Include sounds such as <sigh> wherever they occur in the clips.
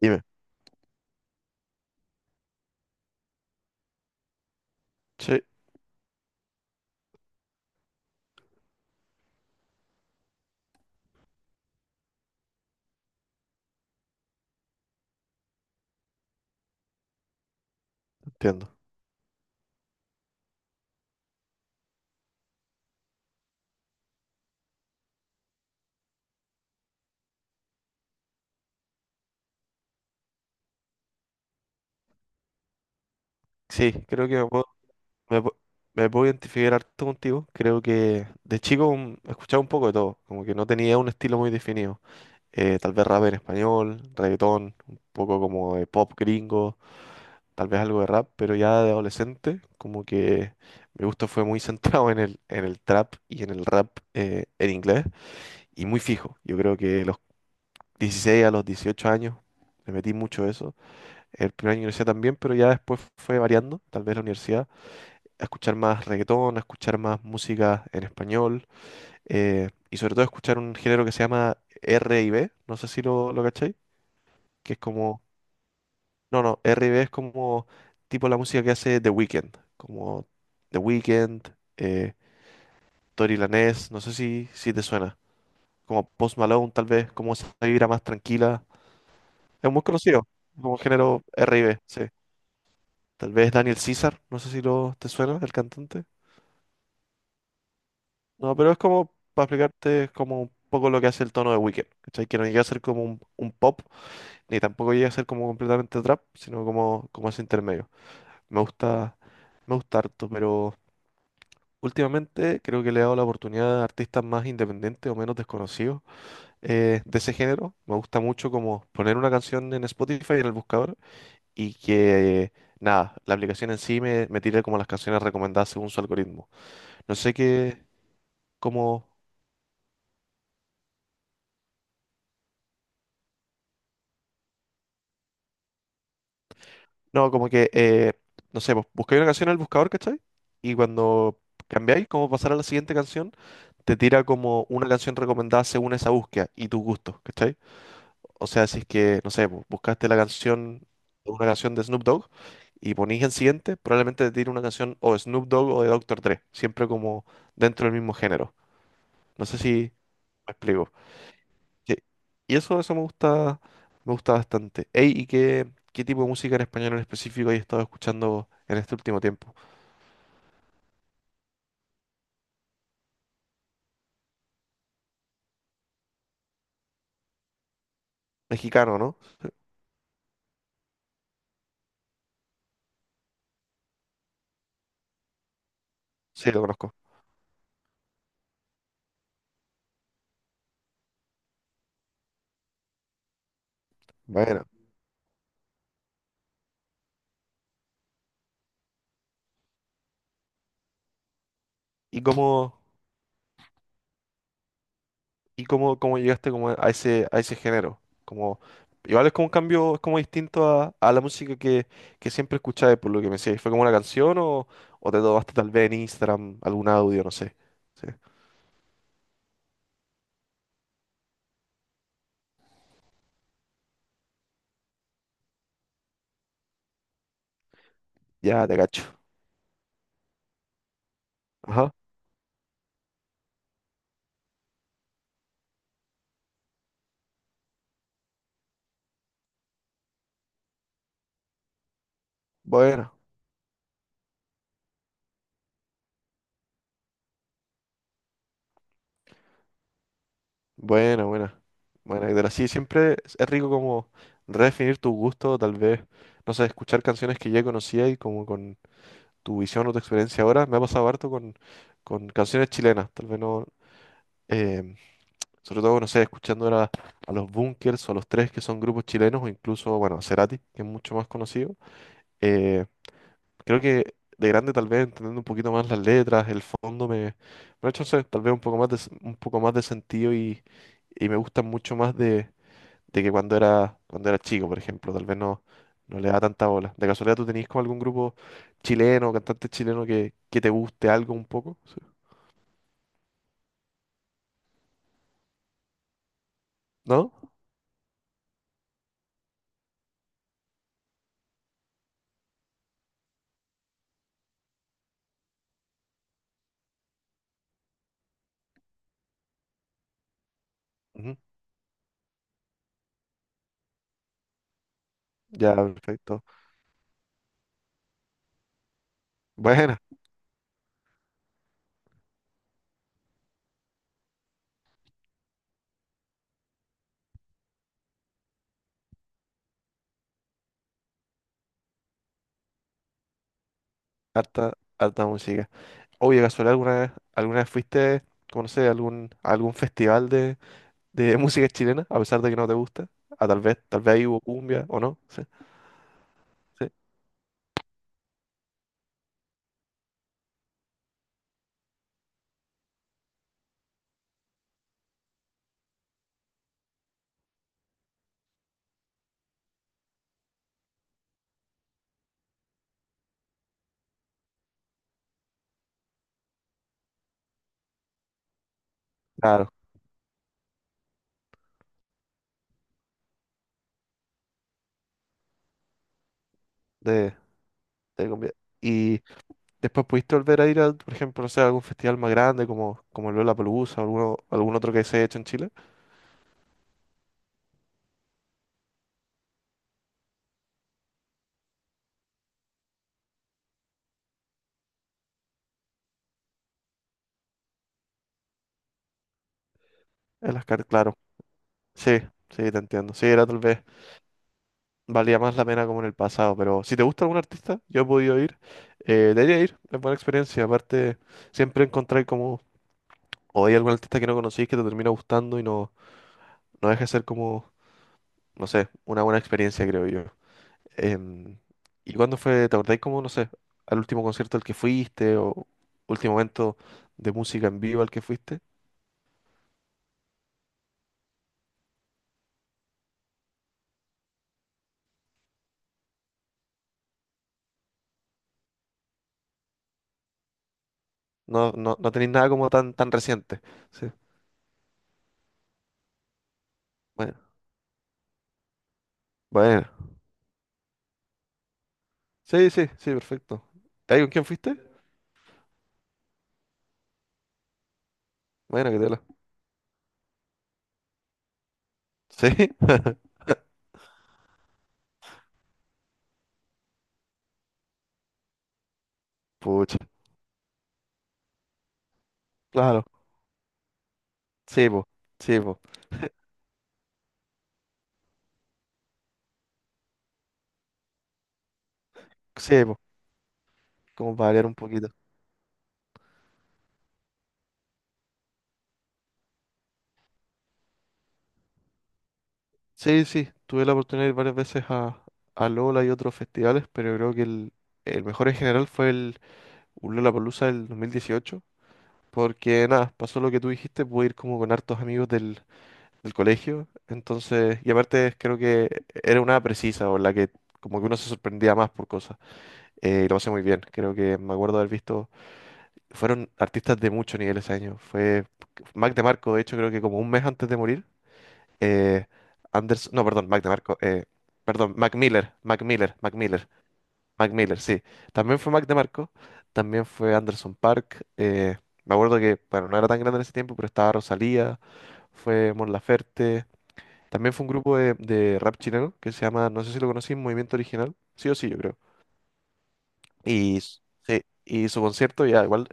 Dime. Sí, entiendo. Sí, creo que me puedo, me, pu- me puedo identificar harto contigo. Creo que de chico escuchaba un poco de todo, como que no tenía un estilo muy definido. Tal vez rap en español, reggaetón, un poco como de pop gringo, tal vez algo de rap, pero ya de adolescente, como que mi gusto fue muy <laughs> centrado en el trap y en el rap en inglés y muy fijo. Yo creo que los 16 a los 18 años me metí mucho eso. El primer año de universidad también, pero ya después fue variando, tal vez la universidad, a escuchar más reggaetón, a escuchar más música en español, y sobre todo a escuchar un género que se llama R&B, no sé si lo cacháis, que es como, no, no, R&B es como tipo la música que hace The Weeknd, como The Weeknd, eh, Tory Lanez, no sé si te suena, como Post Malone tal vez, como esa vibra más tranquila, es muy conocido, como género R&B, sí. Tal vez Daniel César, no sé si te suena, el cantante. No, pero es como, para explicarte, es como un poco lo que hace el tono de Weekend, ¿cachai? Que no llega a ser como un pop, ni tampoco llega a ser como completamente trap, sino como ese intermedio. Me gusta, me gusta harto, pero últimamente creo que le he dado la oportunidad a artistas más independientes o menos desconocidos de ese género. Me gusta mucho como poner una canción en Spotify, en el buscador, y que, nada, la aplicación en sí me tire como las canciones recomendadas según su algoritmo. No sé qué, como, no, como que, no sé, pues, buscáis una canción en el buscador, ¿cachai? Y cuando cambiáis, como pasar a la siguiente canción, te tira como una canción recomendada según esa búsqueda y tus gustos, ¿cachai? O sea, si es que, no sé, pues, buscaste una canción de Snoop Dogg y ponís en siguiente, probablemente te tire una canción o de Snoop Dogg o de Doctor Dre, siempre como dentro del mismo género. No sé si me explico. Sí. Y eso me gusta bastante. Ey, ¿y qué tipo de música en español en específico has estado escuchando en este último tiempo? Mexicano, ¿no? Sí, lo conozco. Bueno. ¿Y cómo, y cómo llegaste como a ese género? Como, igual es como un cambio, es como distinto a la música que siempre escuchabas, por lo que me decías. ¿Fue como una canción o te tomaste tal vez en Instagram algún audio, no sé? Sí. Ya, te cacho. Ajá. Bueno. Buena, buena. Buena, Hidra. Sí, siempre es rico como redefinir tu gusto, tal vez, no sé, escuchar canciones que ya conocía y como con tu visión o tu experiencia ahora. Me ha pasado harto con canciones chilenas, tal vez no, em, sobre todo, no sé, escuchando ahora a los Bunkers o a los Tres, que son grupos chilenos, o incluso, bueno, a Cerati, que es mucho más conocido. Eh, Creo que de grande, tal vez, entendiendo un poquito más las letras, el fondo, me ha hecho, no sé, tal vez un poco más de, s- un poco más de sentido y me gustan mucho más de que cuando era chico, por ejemplo, tal vez no, no le da tanta bola. ¿De casualidad tú tenías como algún grupo chileno, cantante chileno que te guste algo un poco? Sí. ¿No? Ujú. Ya, perfecto. Bueno, harta, harta música. Oye, ¿casualidad alguna vez fuiste, como no sé, a algún festival de <laughs> música chilena, a pesar de que no te gusta? Ah, tal vez ahí hubo cumbia, ¿o no? Sí, sí. Claro, de, de cumbia. Y después pudiste volver a ir a, por ejemplo, no sé, a algún festival más grande como el Lollapalooza o algún otro que se haya hecho en Chile. Claro. Sí, sí, te entiendo. Sí, era tal vez, valía más la pena como en el pasado, pero si te gusta algún artista, yo he podido ir, debería ir, es buena experiencia. Aparte, siempre encontrar como, o hay algún artista que no conocís que te termina gustando y no deja de ser como, no sé, una buena experiencia, creo yo. Em, ¿y cuándo fue, te acordáis como, no sé, al último concierto al que fuiste o último evento de música en vivo al que fuiste? No, no, no tenéis nada como tan reciente. Sí, bueno, bueno. Sí, sí, sí, perfecto. ¿Ahí con quién fuiste? Bueno, qué tela. Sí, <laughs> pucha, claro. Sí, po, sí, po, sí, po, como para variar un poquito. Sí, sí, tuve la oportunidad de ir varias veces a Lola y otros festivales, pero creo que el mejor en general fue el Lollapalooza del 2018. Porque nada, pasó lo que tú dijiste, pude ir como con hartos amigos del colegio. Entonces, y aparte creo que era una precisa o la que como que uno se sorprendía más por cosas. Y lo pasé muy bien. Creo que me acuerdo haber visto, fueron artistas de mucho nivel ese año. Fue Mac DeMarco, de hecho, creo que como un mes antes de morir. Eh, Anders, no, perdón, Mac DeMarco, perdón, Mac Miller, Mac Miller, Mac Miller. Mac Miller, sí. También fue Mac DeMarco, también fue Anderson Park. Me acuerdo que, bueno, no era tan grande en ese tiempo, pero estaba Rosalía, fue Mon Laferte. También fue un grupo de rap chileno que se llama, no sé si lo conocí, Movimiento Original. Sí o sí, yo creo. Y sí, y su concierto, ya igual,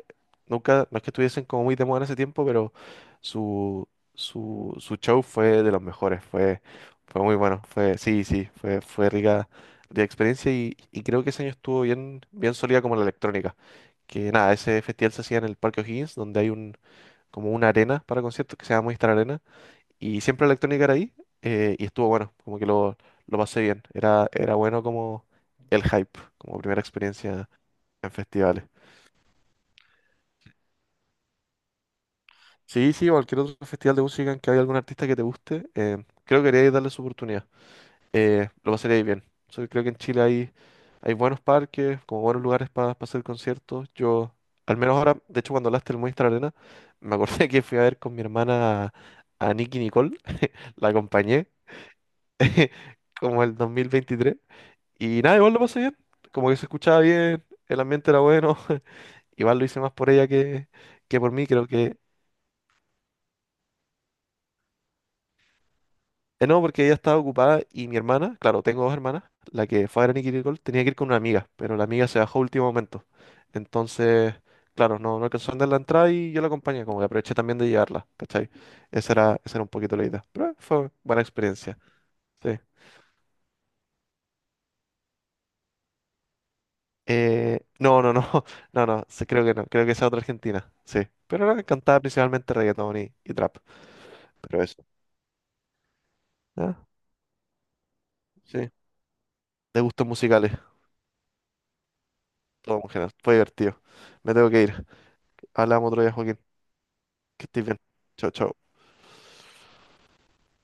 nunca, no es que estuviesen como muy de moda en ese tiempo, pero su, su show fue de los mejores, fue muy bueno, sí, sí, fue rica, de experiencia y creo que ese año estuvo bien, bien sólida como la electrónica. Que nada, ese festival se hacía en el Parque O'Higgins, donde hay como una arena para conciertos que se llama Movistar Arena, y siempre la electrónica era ahí, y estuvo bueno, como que lo pasé bien, era bueno como el hype, como primera experiencia en festivales. Sí, sí, cualquier otro festival de música en que haya algún artista que te guste, creo que deberíais darle su oportunidad. Lo pasaréis bien. So, creo que en Chile hay buenos parques, como buenos lugares para hacer conciertos. Yo, al menos ahora, de hecho, cuando hablaste del Movistar Arena, <laughs> me acordé que fui a ver con mi hermana a Nicky Nicole, <laughs> la acompañé, <laughs> como el 2023. Y nada, igual lo pasé bien. Como que se escuchaba bien, el ambiente era bueno. <laughs> Igual lo hice más por ella que por mí. Creo que no, porque ella estaba ocupada y mi hermana, claro, tengo dos hermanas, la que fue a Granny Kirikol tenía que ir con una amiga, pero la amiga se bajó a último momento. Entonces, claro, no alcanzó a andar la entrada y yo la acompañé, como que aproveché también de llevarla, ¿cachai? Esa era un poquito la idea. Pero fue buena experiencia, sí. No, no, no, <laughs> no, no, sí, creo que no, creo que esa es otra Argentina, sí. Pero no, cantaba principalmente reggaetón y trap, pero eso. ¿No? Sí, de gustos musicales, todo en general, fue divertido. Me tengo que ir. Hablamos otro día, Joaquín. Que estés bien. Chao, chao.